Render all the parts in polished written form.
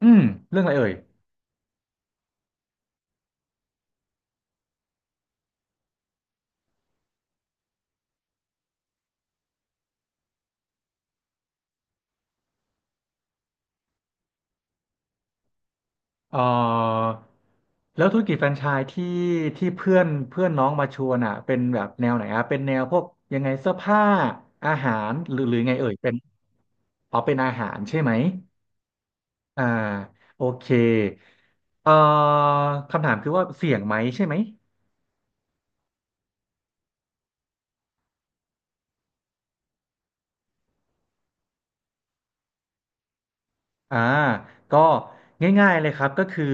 อืมเรื่องอะไรเอ่ยเอ่อแล้วธุรกิจแฟรนไชส์ที่เพื่อนเพื่อนน้องมาชวนอ่ะเป็นแบบแนวไหนอ่ะเป็นแนวพวกยังไงเสื้อผ้าอาหารหรือไงเอ่ยเป็นอ๋อเป็นอาหารใช่ไหมอ่าโอเคเอ่อคำถามคือว่าเสี่ยงไหมใช่ไหม อ่าก็ง่ายๆเลยครับก็คือ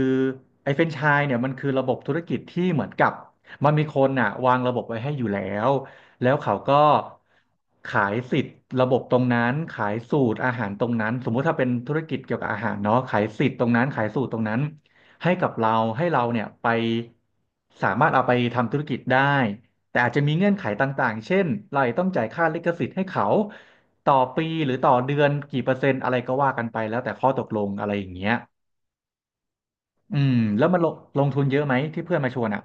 ไอ้แฟรนไชส์เนี่ยมันคือระบบธุรกิจที่เหมือนกับมันมีคนอ่ะวางระบบไว้ให้อยู่แล้วแล้วเขาก็ขายสิทธิ์ระบบตรงนั้นขายสูตรอาหารตรงนั้นสมมุติถ้าเป็นธุรกิจเกี่ยวกับอาหารเนาะขายสิทธิ์ตรงนั้นขายสูตรตรงนั้นให้กับเราให้เราเนี่ยไปสามารถเอาไปทำธุรกิจได้ แต่อาจจะมีเงื่อนไขต่างๆ เช่น เราอาจจะต้องจ่ายค่าลิขสิทธิ์ให้เขาต่อปีหรือต่อเดือนกี่เปอร์เซ็นต์อะไรก็ว่ากันไปแล้วแต่ข้อตกลงอะไรอย่างเงี้ยอืมแล้วมันลงทุนเยอะไหมที่เพื่อนมาชวนอ่ะ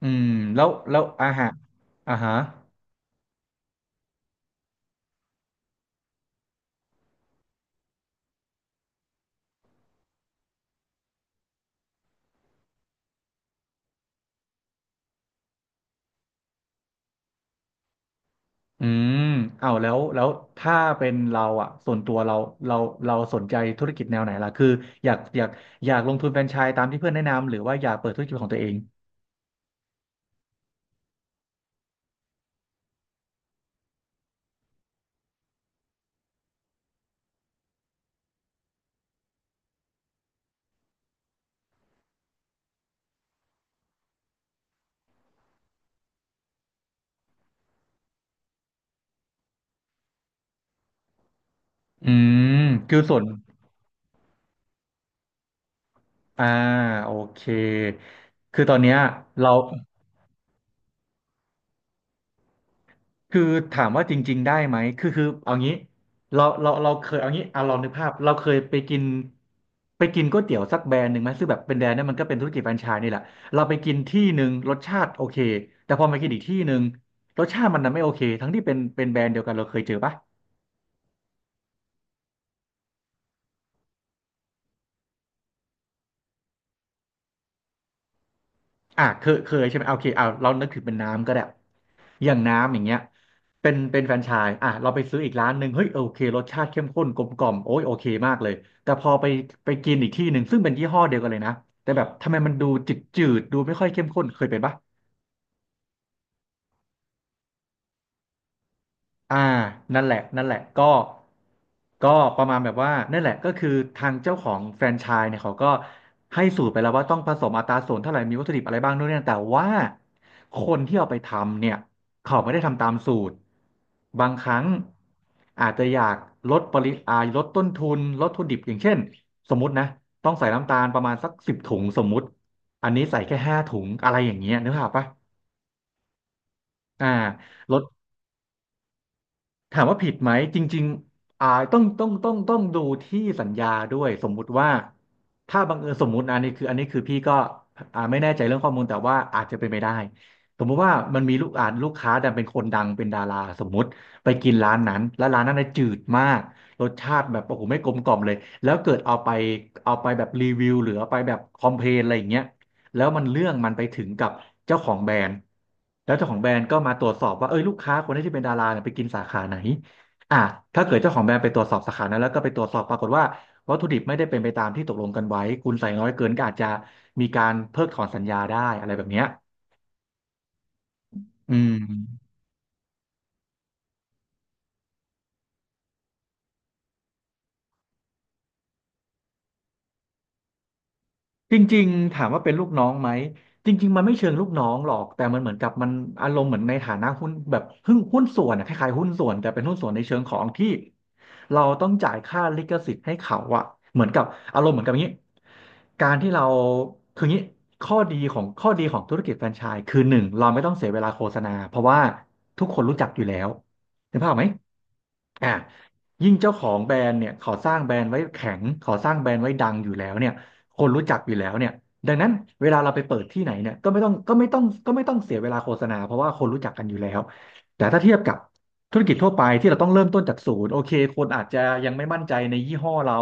อืมแล้วอาหารอ่าฮะอืมเอาแล้วถ้าเป็นเราอ่ะส่วนตัวเราเราสนใจธุรกิจแนวไหนล่ะคืออยากอยากอยากลงทุนแฟรนไชส์ตามที่เพื่อนแนะนำหรือว่าอยากเปิดธุรกิจของตัวเองอืมคือส่วน อ่าโอเคคือตอนเนี้ยเราคือถามว่าจริงๆได้ไหมคือเอางี้เราเคยเอางี้อ่ะลองนึกภาพเราเคยไปกินก๋วยเตี๋ยวสักแบรนด์หนึ่งไหมซึ่งแบบเป็นแบรนด์นั้นมันก็เป็นธุรกิจแฟรนไชส์นี่แหละเราไปกินที่หนึ่งรสชาติโอเคแต่พอมากินอีกที่หนึ่งรสชาติมันน่ะไม่โอเคทั้งที่เป็นแบรนด์เดียวกันเราเคยเจอปะ อ่ะเคยใช่ไหมโอเคเอาเรานึกถึงเป็นน้ำก็ได้อย่างน้ำอย่างเงี้ยเป็นแฟรนไชส์อ่ะเราไปซื้ออีกร้านหนึ่งเฮ้ยโอเครสชาติเข้มข้นกลมกล่อมโอ้ยโอเคมากเลยแต่พอไปไปกินอีกที่หนึ่งซึ่งเป็นยี่ห้อเดียวกันเลยนะแต่แบบทำไมมันดูจืดดูไม่ค่อยเข้มข้นเคยเป็นปะ อ่านั่นแหละก็ก็ประมาณแบบว่านั่นแหละก็คือทางเจ้าของแฟรนไชส์เนี่ยเขาก็ให้สูตรไปแล้วว่าต้องผสมอัตราส่วนเท่าไหร่มีวัตถุดิบอะไรบ้างด้วยเนี่ยแต่ว่าคนที่เอาไปทำเนี่ยเขาไม่ได้ทำตามสูตร บางครั้งอาจจะอยากลดปริอ่าลดต้นทุนลดวัตถุดิบอย่างเช่นสมมตินะต้องใส่น้ำตาลประมาณสัก10 ถุงสมมุติอันนี้ใส่แค่5 ถุงอะไรอย่างเงี้ยนึกภาพปะอ่าลด ถามว่าผิดไหมจริงๆอ่าต้องดูที่สัญญาด้วยสมมุติว่าถ้าบังเอิญสมมุตินะอันนี้คือพี่ก็อ่าไม่แน่ใจเรื่องข้อมูลแต่ว่าอาจจะเป็นไปได้สมมุติว่ามันมีลูกค้าดันเป็นคนดังเป็นดาราสมมุติไปกินร้านนั้นแล้วร้านนั้นน่ะจืดมากรสชาติแบบโอ้โหไม่กลมกล่อมเลยแล้วเกิดเอาไปเอาไปแบบรีวิวหรือเอาไปแบบคอมเพลนอะไรอย่างเงี้ย แล้วมันเรื่องมันไปถึงกับเจ้าของแบรนด์แล้วเจ้าของแบรนด์ก็มาตรวจสอบว่าเอ้ยลูกค้าคนนี้ที่เป็นดาราเนี่ยไปกินสาขาไหนอ่ะถ้าเกิดเจ้าของแบรนด์ไปตรวจสอบสาขานั้นแล้วก็ไปตรวจสอบปรากฏว่าวัตถุดิบไม่ได้เป็นไปตามที่ตกลงกันไว้คุณใส่น้อยเกินก็อาจจะมีการเพิกถอนสัญญาได้อะไรแบบเนี้ยอืม จริงๆถามว่าเป็นลูกน้องไหมจริงๆมันไม่เชิงลูกน้องหรอกแต่มันเหมือนกับมันอารมณ์เหมือนในฐานะหุ้นแบบหุ้นส่วนอะคล้ายๆหุ้นส่วนแต่เป็นหุ้นส่วนในเชิงของที่เราต้องจ่ายค่าลิขสิทธิ์ให้เขาอะเหมือนกับอารมณ์เหมือนกับอย่างนี้การที่เราคืออย่างนี้ข้อดีของธุรกิจแฟรนไชส์คือหนึ่งเราไม่ต้องเสียเวลาโฆษณาเพราะว่าทุกคนรู้จักอยู่แล้วเห็นภาพไหมอ่ะยิ่งเจ้าของแบรนด์เนี่ยเขาสร้างแบรนด์ไว้แข็งเขาสร้างแบรนด์ไว้ดังอยู่แล้วเนี่ย คนรู้จักอยู่แล้วเนี่ยดังนั้นเวลาเราไปเปิดที่ไหนเนี่ยก็ไม่ต้องก็ไม่ต้องก็ไม่ต้องเสียเวลาโฆษณาเพราะว่าคนรู้จักกันอยู่แล้วแต่ถ้าเทียบกับธุรกิจทั่วไปที่เราต้องเริ่มต้นจากศูนย์โอเคคนอาจจะยังไม่มั่นใจในยี่ห้อเรา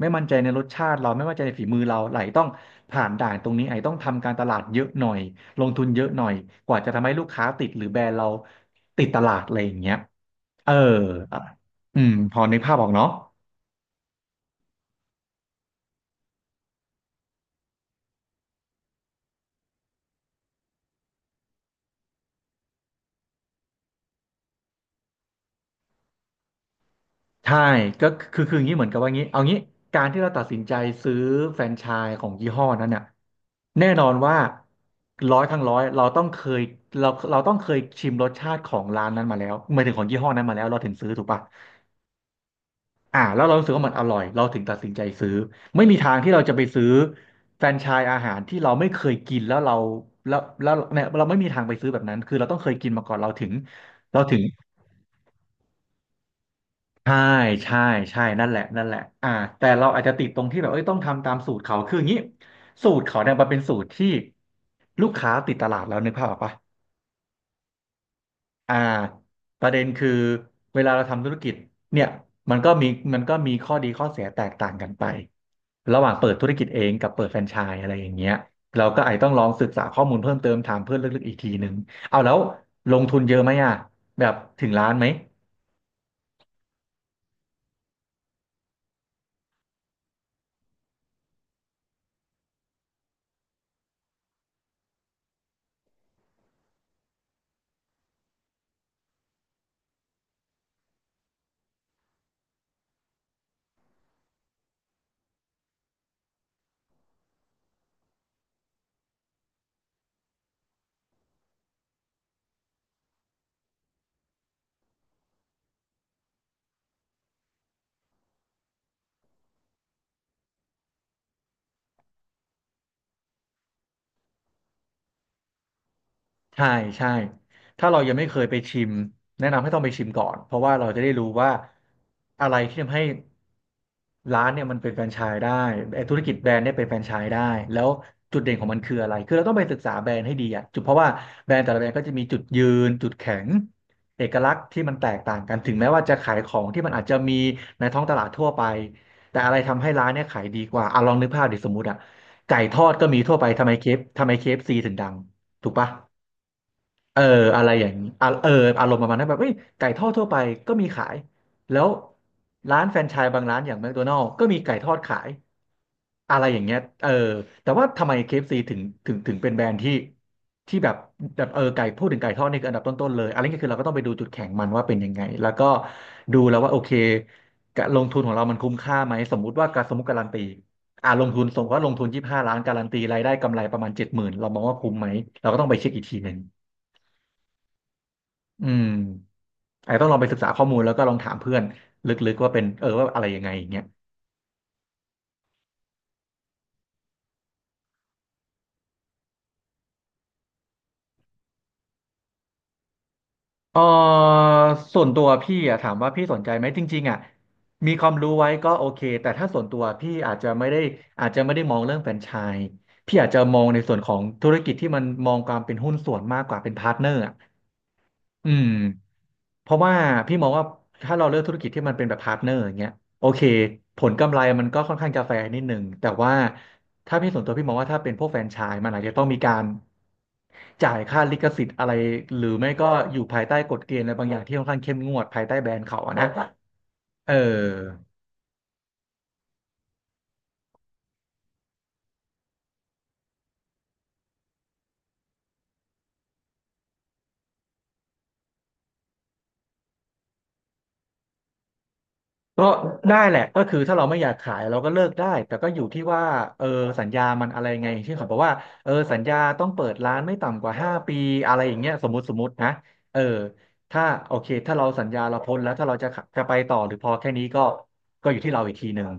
ไม่มั่นใจในรสชาติเราไม่มั่นใจในฝีมือเราไหลต้องผ่านด่านตรงนี้ไอ้ต้องทำการตลาดเยอะหน่อยลงทุนเยอะหน่อยกว่าจะทำให้ลูกค้าติดหรือแบรนด์เราติดตลาดอะไรอย่างเงี้ยเอออืมพอนึกภาพออกเนาะ ใช่ก็คืออย่างนี้เหมือนกับว่างี้เอางี้การที่เราตัดสินใจซื้อแฟรนไชส์ของยี่ห้อนั้นเนี่ยแน่นอนว่าร้อยครั้งร้อยเราต้องเคยเราเราต้องเคยชิมรสชาติของร้านนั้นมาแล้วหมายถึงของยี่ห้อนั้นมาแล้วเราถึงซื้อถูกป่ะอ่าแล้วเรารู้สึกว่ามันอร่อยเราถึงตัดสินใจซื้อไม่มีทางที่เราจะไปซื้อแฟรนไชส์อาหารที่เราไม่เคยกินแล้วเราแล้วเนี่ยเราไม่มีทางไปซื้อแบบนั้นคือเราต้องเคยกินมาก่อนเราถึง ใช่ใช่ใช่นั่นแหละนั่นแหละอ่าแต่เราอาจจะติดตรงที่แบบเอ้ยต้องทำตามสูตรเขาคืออย่างนี้สูตรเขาเนี่ยมันเป็นสูตรที่ลูกค้าติดตลาดแล้วนึกภาพออกปะอ่าประเด็นคือเวลาเราทำธุรกิจเนี่ยมันก็มีมันก็มีข้อดีข้อเสียแตกต่างกันไประหว่างเปิดธุรกิจเองกับเปิดแฟรนไชส์อะไรอย่างเงี้ยเราก็อาจต้องลองศึกษาข้อมูลเพิ่มเติมถามเพื่อนลึกๆอีกทีนึงเอาแล้วลงทุนเยอะไหมอ่ะแบบถึงล้านไหม ใช่ใช่ถ้าเรายังไม่เคยไปชิมแนะนำให้ต้องไปชิมก่อนเพราะว่าเราจะได้รู้ว่าอะไรที่ทำให้ร้านเนี่ยมันเป็นแฟรนไชส์ได้ไอ้ธุรกิจแบรนด์เนี่ยเป็นแฟรนไชส์ได้แล้วจุดเด่นของมันคืออะไรคือเราต้องไปศึกษาแบรนด์ให้ดีอะจุดเพราะว่าแบรนด์แต่ละแบรนด์ก็จะมีจุดยืนจุดแข็งเอกลักษณ์ที่มันแตกต่างกันถึงแม้ว่าจะขายของที่มันอาจจะมีในท้องตลาดทั่วไปแต่อะไรทำให้ร้านเนี่ยขายดีกว่าอ่ะลองนึกภาพดิสมมุติอะไก่ทอดก็มีทั่วไปทำไมเคฟซีถึงดังถูกปะ เอออะไรอย่างนี้อ่ะเอออารมณ์ประมาณนั้นแบบเอ้ยไก่ทอดทั่วไปก็มีขายแล้วร้านแฟรนไชส์บางร้านอย่างแมคโดนัล s ก็มีไก่ทอดขายอะไรอย่างเงี้ยเออแต่ว่าทำไมเคเอฟซีถึงเป็นแบรนด์ที่แบบเออไก่พูดถึงไก่ทอดนี่คืออันดับต้นๆเลยอะไรเงี้ยคือเราก็ต้องไปดูจุดแข็งมันว่าเป็นยังไงแล้วก็ดูแล้วว่าโอเคการลงทุนของเรามันคุ้มค่าไหมสมมุติว่าการสมมติการันตีอ่าลงทุนสมมติว่าลงทุน25 ล้านการันตีรายได้กำไรประมาณ70,000เรามองว่าคุ้มไหมเราก็ต้องไปเช็คอีกทีหนึ่ง อืมอาจจะต้องลองไปศึกษาข้อมูลแล้วก็ลองถามเพื่อนลึกๆว่าเป็นเออว่าอะไรยังไงอย่างเงี้ยเออส่วนตัวพี่อะถามว่าพี่สนใจไหมจริงๆอะมีความรู้ไว้ก็โอเคแต่ถ้าส่วนตัวพี่อาจจะไม่ได้อาจจะไม่ได้มองเรื่องแฟรนไชส์พี่อาจจะมองในส่วนของธุรกิจที่มันมองความเป็นหุ้นส่วนมากกว่าเป็นพาร์ทเนอร์อะอืม เพราะว่าพี่มองว่าถ้าเราเลือกธุรกิจที่มันเป็นแบบพาร์ทเนอร์อย่างเงี้ยโอเคผลกำไรมันก็ค่อนข้างจะแฟร์นิดหนึ่งแต่ว่าถ้าพี่ส่วนตัวพี่มองว่าถ้าเป็นพวกแฟรนไชส์มันอาจจะต้องมีการจ่ายค่าลิขสิทธิ์อะไรหรือไม่ก็อยู่ภายใต้กฎเกณฑ์อะไรบางอย่างที่ค่อนข้างเข้มงวดภายใต้แบรนด์เขาอะนะเออ ก็ได้แหละก็คือถ้าเราไม่อยากขายเราก็เลิกได้แต่ก็อยู่ที่ว่าเออสัญญามันอะไรไงที่เเขาบอกว่าเออสัญญาต้องเปิดร้านไม่ต่ำกว่า5 ปีอะไรอย่างเงี้ยสมมตินะเออถ้าโอเคถ้าเราสัญญาเราพ้นแล้วถ้าเราจะขะจะไปต่อหรือพอแค่นี้ก็ก็อยู่ที่เราอีกทีหนึ่ง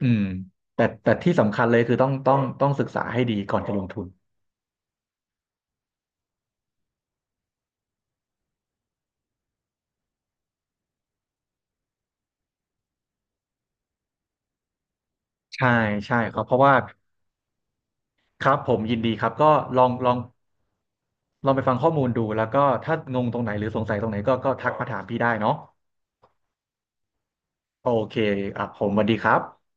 อืมแต่ที่สำคัญเลยคือต้องศึกษาให้ดีก่อนจะลงทุนใช่ใช่ครับเพราะว่าครับผมยินดีครับก็ลองลองลองไปฟังข้อมูลดูแล้วก็ถ้างงตรงไหนหรือสงสัยตรงไหนก็ทักมาถามพี่ได้เนาะ โอเคอ่ะผมสวัสดีครับ